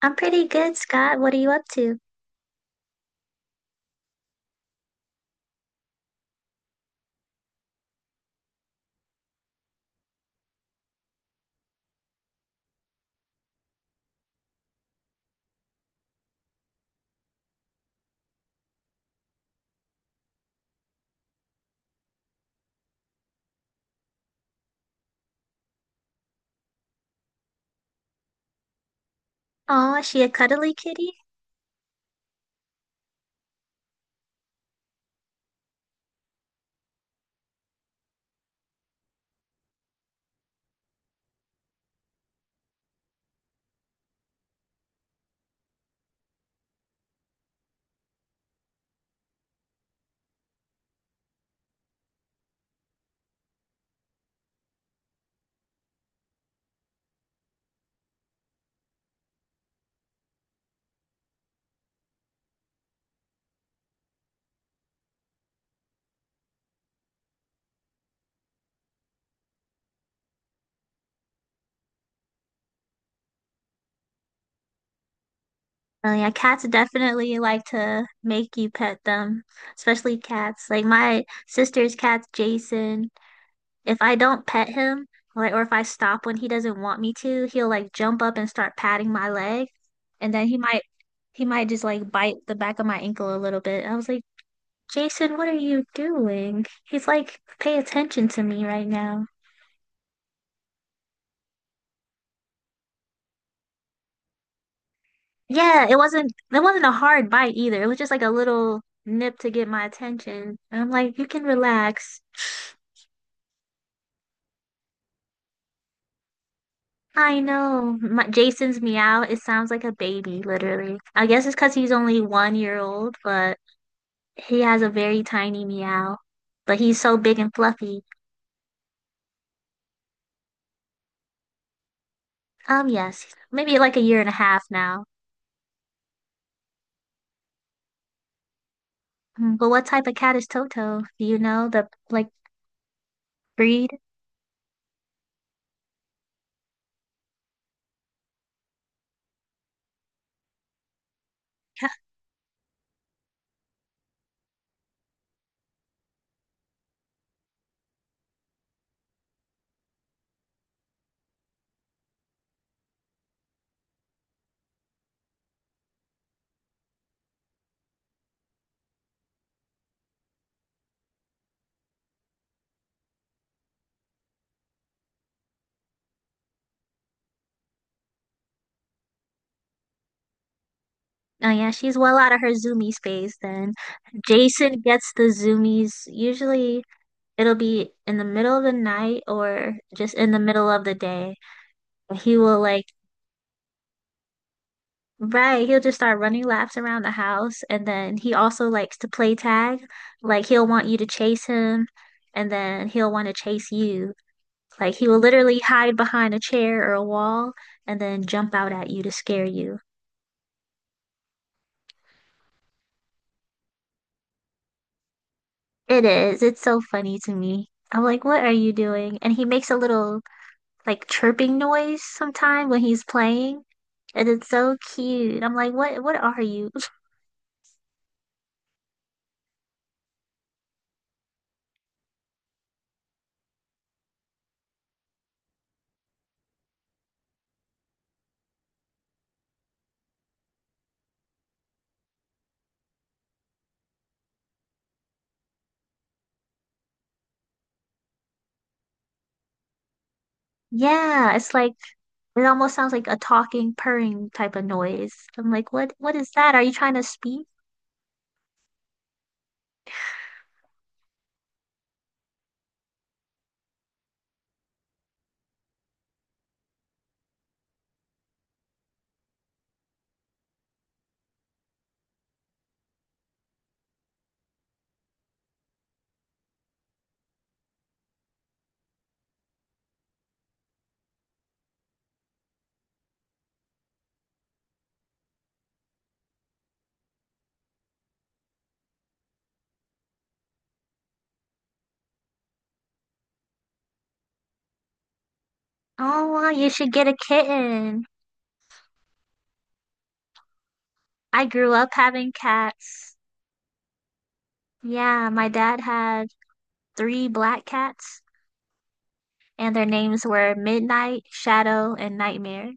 I'm pretty good, Scott. What are you up to? Oh, is she a cuddly kitty? Oh yeah, cats definitely like to make you pet them, especially cats. Like my sister's cat's Jason. If I don't pet him, like or if I stop when he doesn't want me to, he'll like jump up and start patting my leg, and then he might just like bite the back of my ankle a little bit. I was like, Jason, what are you doing? He's like, pay attention to me right now. Yeah, it wasn't a hard bite either. It was just like a little nip to get my attention. And I'm like, you can relax. I know. Jason's meow, it sounds like a baby, literally. I guess it's because he's only 1 year old, but he has a very tiny meow. But he's so big and fluffy. Yes, maybe like a year and a half now. Mm, but what type of cat is Toto? Do you know the like breed? Oh yeah, she's well out of her Zoomies phase then. Jason gets the zoomies usually. It'll be in the middle of the night or just in the middle of the day. He will like, right, he'll just start running laps around the house. And then he also likes to play tag. Like, he'll want you to chase him and then he'll want to chase you. Like, he will literally hide behind a chair or a wall and then jump out at you to scare you. It is. It's so funny to me. I'm like, what are you doing? And he makes a little like chirping noise sometime when he's playing. And it's so cute. I'm like, what are you? Yeah, it's like it almost sounds like a talking, purring type of noise. I'm like, what is that? Are you trying to speak? Oh, wow, you should get a kitten. I grew up having cats. Yeah, my dad had three black cats, and their names were Midnight, Shadow, and Nightmare.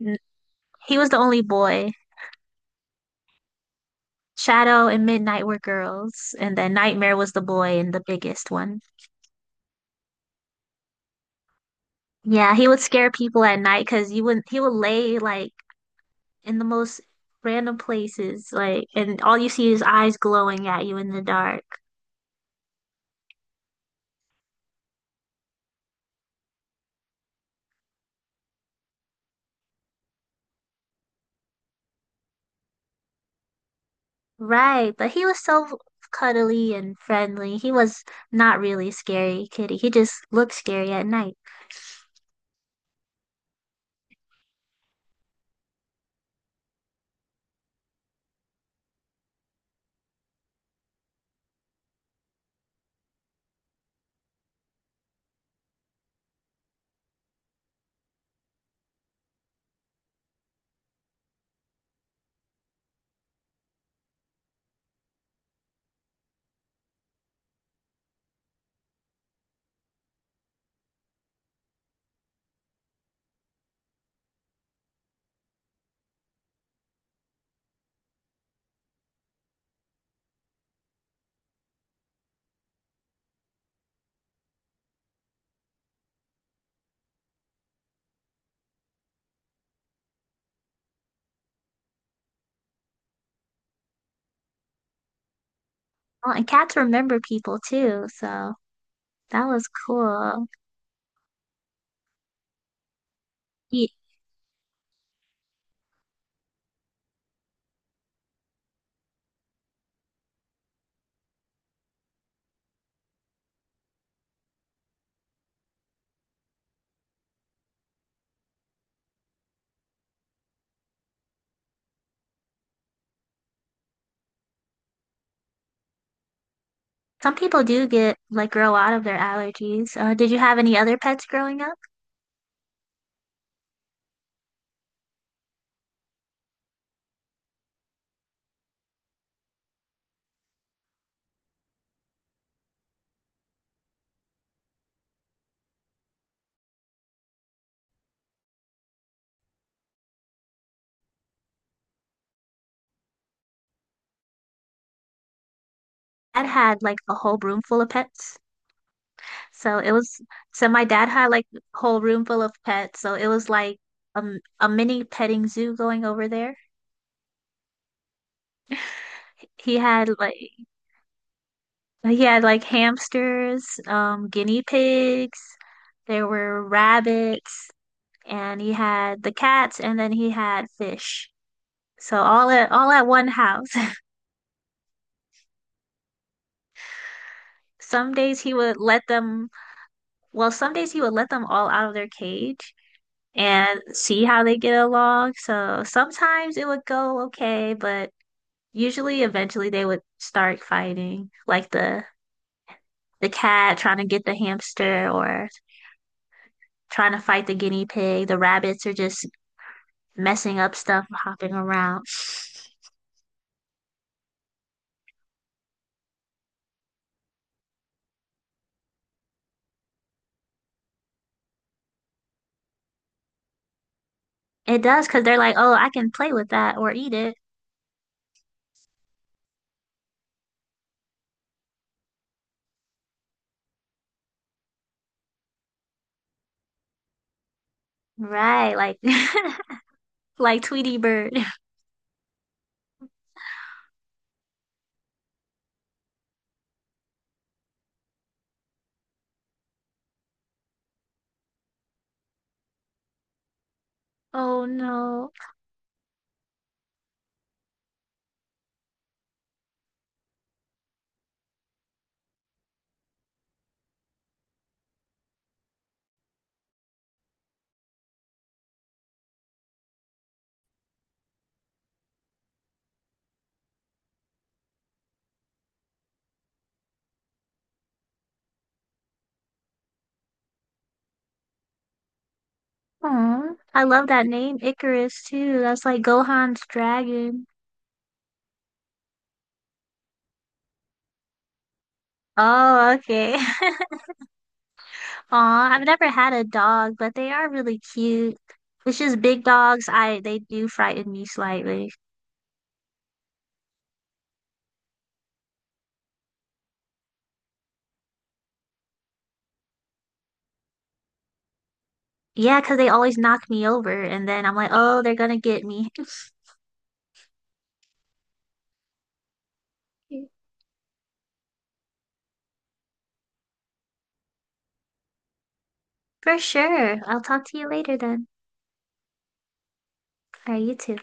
N- He was the only boy. Shadow and Midnight were girls, and then Nightmare was the boy and the biggest one. Yeah, he would scare people at night because you would he would lay like in the most random places, like and all you see is eyes glowing at you in the dark. Right, but he was so cuddly and friendly. He was not really scary kitty. He just looked scary at night. Oh, and cats remember people too, so that was cool. Some people do get like grow out of their allergies. Did you have any other pets growing up? Dad had like a whole room full of pets. So it was, so my dad had like a whole room full of pets. So it was like a mini petting zoo going over there. He had like, he had like hamsters, guinea pigs, there were rabbits, and he had the cats, and then he had fish. So all at one house. Some days he would let them Well, some days he would let them all out of their cage and see how they get along. So sometimes it would go okay, but usually eventually they would start fighting, like the cat trying to get the hamster or trying to fight the guinea pig. The rabbits are just messing up stuff, hopping around. It does because they're like, "Oh, I can play with that or eat it." Right, like like Tweety Bird. Oh no. Aw, I love that name, Icarus, too. That's like Gohan's dragon. Oh, okay. Aw, I've never had a dog, but they are really cute. It's just big dogs, I they do frighten me slightly. Yeah, 'cause they always knock me over, and then I'm like, oh, they're gonna get me. For sure. I'll talk to you later then. All right, you too.